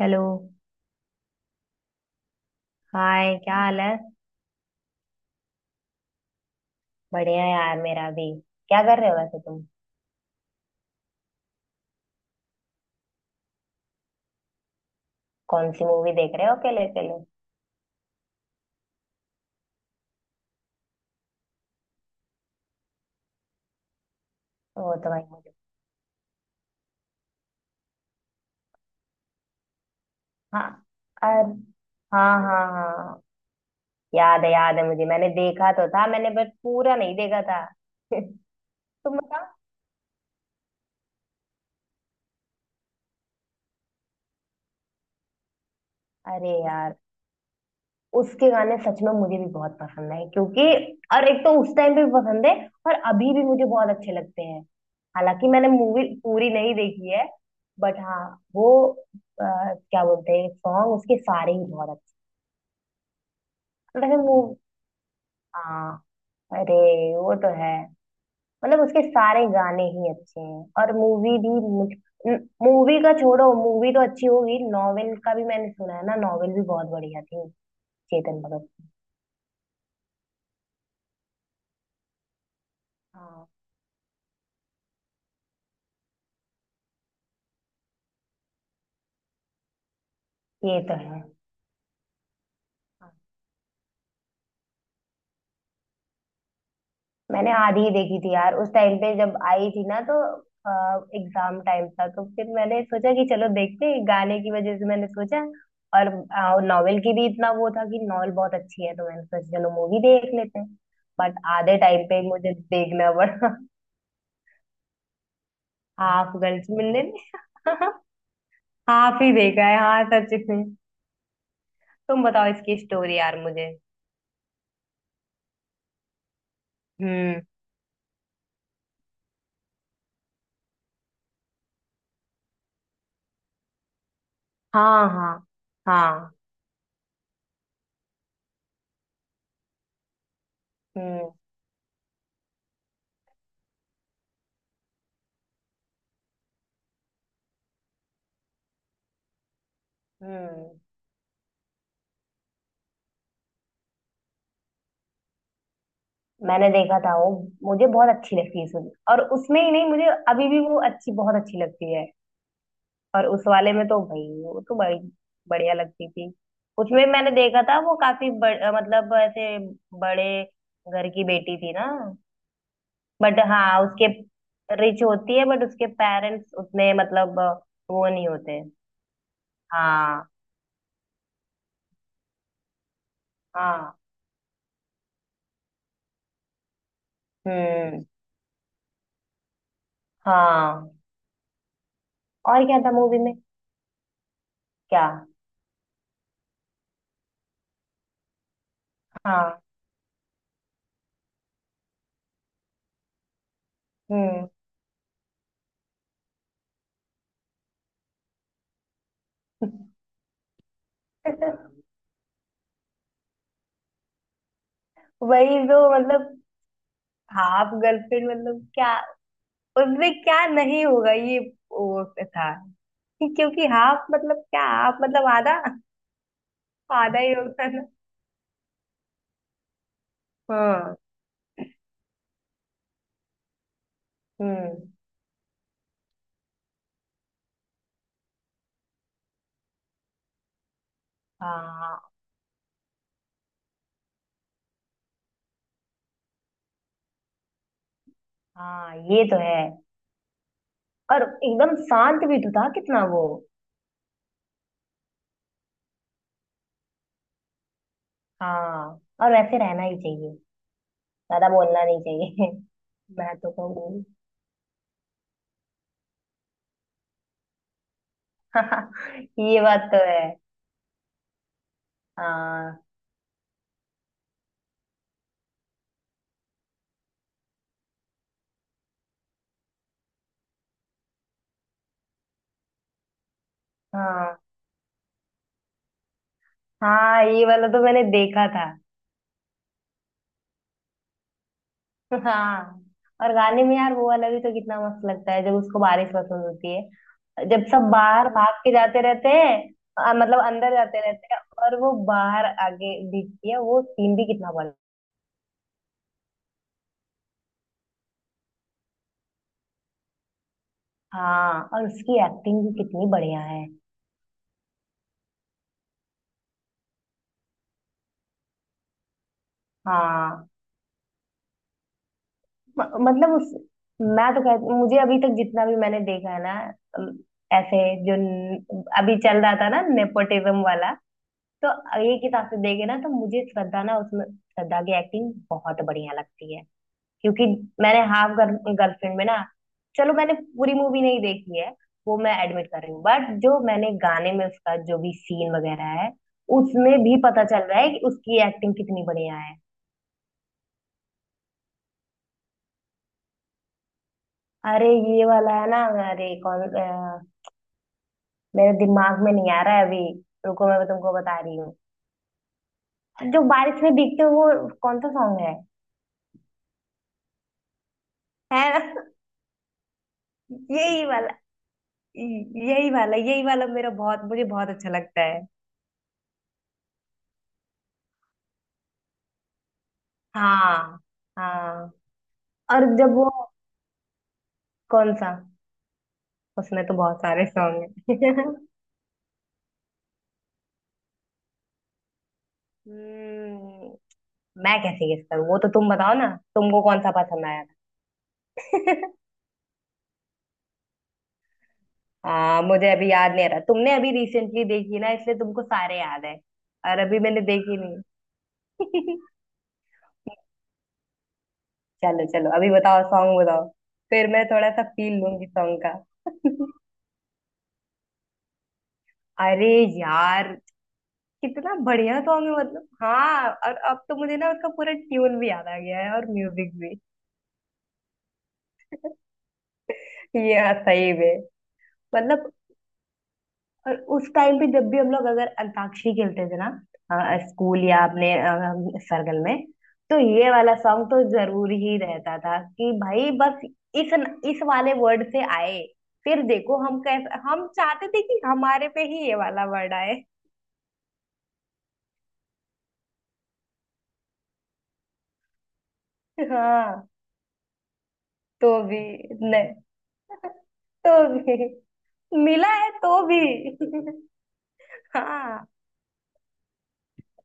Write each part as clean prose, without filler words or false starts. Hello. Hi, क्या हाल है? बढ़िया यार, मेरा भी। क्या कर रहे हो वैसे तुम? कौन सी मूवी देख रहे हो अकेले अकेले? वो तो भाई मुझे... हाँ। अरे, हाँ हाँ हाँ, याद है मुझे। मैंने देखा तो था, मैंने बस पूरा नहीं देखा था। तुम बताओ। अरे यार, उसके गाने सच में मुझे भी बहुत पसंद है क्योंकि और एक तो उस टाइम पे भी पसंद है, और अभी भी मुझे बहुत अच्छे लगते हैं। हालांकि मैंने मूवी पूरी नहीं देखी है, बट हाँ वो क्या बोलते हैं, सॉन्ग उसके सारे ही बहुत अच्छे। मतलब मूव हाँ। अरे, वो तो है। मतलब उसके सारे गाने ही अच्छे हैं, और मूवी भी। मुझ मूवी का छोड़ो, मूवी तो अच्छी होगी, नॉवेल का भी मैंने सुना है ना, नॉवेल भी बहुत बढ़िया थी चेतन भगत की। हाँ ये तो है। मैंने आधी ही देखी थी यार, उस टाइम पे जब आई थी ना, तो एग्जाम टाइम था, तो फिर मैंने सोचा कि चलो देखते हैं, गाने की वजह से मैंने सोचा। और नॉवेल की भी इतना वो था कि नॉवेल बहुत अच्छी है, तो मैंने सोचा चलो मूवी देख लेते हैं। बट आधे टाइम पे मुझे देखना पड़ा। हाफ गर्ल्स मिलने में हाफ ही देखा है, हाँ सच में। तुम बताओ इसकी स्टोरी यार मुझे। हम्म। हाँ हाँ हाँ। हम्म। हम्म। मैंने देखा था वो। मुझे बहुत अच्छी लगती है सुन, और उसमें ही नहीं, मुझे अभी भी वो अच्छी, बहुत अच्छी लगती है। और उस वाले में तो भाई, वो तो बड़ी बढ़िया लगती थी। उसमें मैंने देखा था, वो काफी मतलब ऐसे बड़े घर की बेटी थी ना। बट हाँ उसके... रिच होती है बट उसके पेरेंट्स उतने मतलब वो नहीं होते। हाँ। हाँ। हम्म। हाँ। और क्या था मूवी में? क्या? हाँ। हम्म। वही तो मतलब... हाँ, आप गर्लफ्रेंड मतलब क्या? उसमें क्या नहीं होगा ये? वो था कि क्योंकि हाफ मतलब क्या? हाफ मतलब आधा, आधा ही होता है ना? हाँ। हम्म। हाँ। हाँ ये तो है, और एकदम शांत भी तो था कितना वो। हाँ। और वैसे रहना ही चाहिए, ज्यादा बोलना नहीं चाहिए। मैं तो कहूंगी। ये बात तो है। हाँ। हाँ। हाँ ये वाला तो मैंने देखा था। हाँ। और गाने में यार, वो वाला भी तो कितना मस्त लगता है, जब उसको बारिश पसंद होती है, जब सब बाहर भाग के जाते रहते हैं। मतलब अंदर जाते रहते हैं, और वो बाहर आगे दिखती है, वो सीन भी कितना बढ़िया। हाँ, और उसकी एक्टिंग भी कितनी बढ़िया है। हाँ। म, मतलब उस... मैं तो कहती, मुझे अभी तक जितना भी मैंने देखा है ना, अम, ऐसे, जो अभी चल रहा था ना, नेपोटिज्म वाला, तो एक हिसाब से देखे ना, तो मुझे श्रद्धा ना, उसमें श्रद्धा की एक्टिंग बहुत बढ़िया लगती है। क्योंकि मैंने हाफ गर्लफ्रेंड में ना... चलो मैंने पूरी मूवी नहीं देखी है, वो मैं एडमिट कर रही हूँ, बट जो मैंने गाने में उसका जो भी सीन वगैरह है, उसमें भी पता चल रहा है कि उसकी एक्टिंग कितनी बढ़िया है। अरे, ये वाला है ना? अरे, कौन मेरे दिमाग में नहीं आ रहा है अभी। रुको मैं तुमको बता रही हूँ। जो बारिश में भीगते हुए, वो कौन सा सॉन्ग है? है ना? यही वाला, यही वाला यही वाला मेरा बहुत, मुझे बहुत अच्छा लगता है। हाँ। हाँ। और जब वो... कौन सा? उसमें तो बहुत सारे सॉन्ग हैं। हम्म, मैं कैसे गेस करूँ? वो तो तुम बताओ ना, तुमको कौन सा पसंद आया था? हाँ मुझे अभी याद नहीं आ रहा। तुमने अभी रिसेंटली देखी ना, इसलिए तुमको सारे याद है, और अभी मैंने देखी नहीं। चलो चलो, अभी बताओ, सॉन्ग बताओ, फिर मैं थोड़ा सा फील लूंगी सॉन्ग का। अरे यार, कितना बढ़िया सॉन्ग है, मतलब हाँ। और अब तो मुझे ना, उसका पूरा ट्यून भी याद आ गया है, और म्यूजिक भी। ये हाँ, सही में। मतलब और उस टाइम पे जब भी हम लोग अगर अंताक्षरी खेलते थे ना, स्कूल या अपने सर्कल में, तो ये वाला सॉन्ग तो जरूर ही रहता था कि भाई बस इस इस वाले वर्ड से आए, फिर देखो हम कैसे, हम चाहते थे कि हमारे पे ही ये वाला वर्ड आए। हाँ तो भी, नहीं। तो भी मिला है, तो भी। हाँ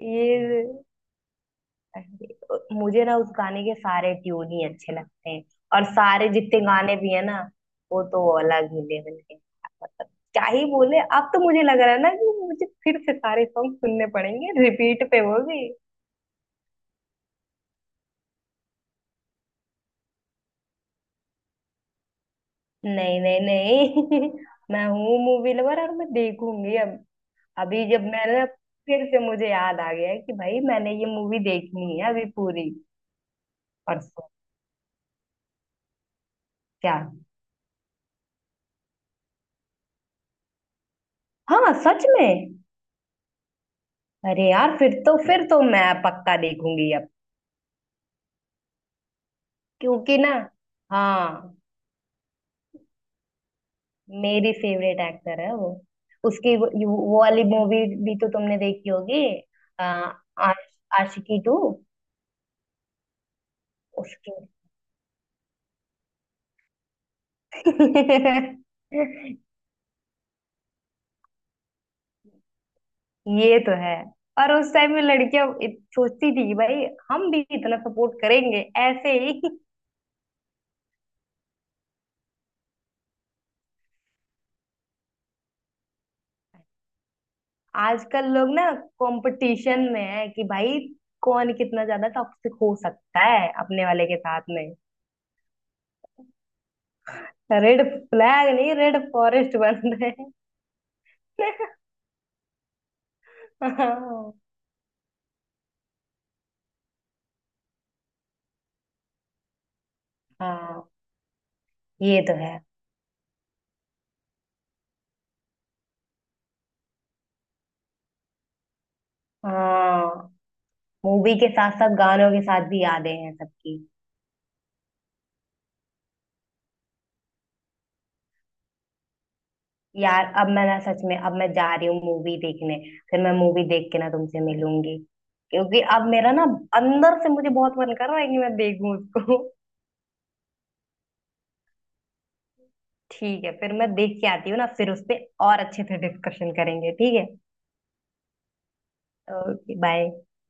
ये... मुझे ना उस गाने के सारे ट्यून ही अच्छे लगते हैं, और सारे जितने गाने भी है ना, वो तो अलग, मिले मिलके मतलब क्या ही बोले। अब तो मुझे लग रहा है ना कि मुझे फिर से सारे सॉन्ग सुनने पड़ेंगे रिपीट पे, वो भी। नहीं नहीं नहीं, मैं हूँ मूवी लवर, और मैं देखूंगी अब। अभी जब मैंने... फिर से मुझे याद आ गया है कि भाई मैंने ये मूवी देखनी है अभी पूरी। परसों। क्या? हाँ सच में। अरे यार, फिर तो, फिर तो मैं पक्का देखूंगी अब, क्योंकि ना... हाँ, मेरी फेवरेट एक्टर है वो। उसकी वो, वो वाली मूवी भी तो तुमने देखी होगी। आ, आश, आशिकी टू। उसकी। ये तो है। और उस टाइम में लड़कियां सोचती थी कि भाई हम भी इतना सपोर्ट करेंगे, ऐसे ही। आजकल लोग ना, कंपटीशन में है कि भाई कौन कितना ज्यादा टॉक्सिक हो सकता है अपने वाले के साथ में। रेड फ्लैग नहीं, रेड फॉरेस्ट बन रहे हैं। हाँ ये तो है। हाँ, मूवी के साथ साथ गानों के साथ भी यादें हैं सबकी। यार अब मैं ना, सच में अब मैं जा रही हूँ मूवी देखने, फिर मैं मूवी देख के ना तुमसे मिलूंगी। क्योंकि अब मेरा ना, अंदर से मुझे बहुत मन कर रहा है कि मैं देखूं उसको। ठीक है, फिर मैं देख के आती हूँ ना, फिर उस पे और अच्छे से डिस्कशन करेंगे, ठीक है? Okay bye.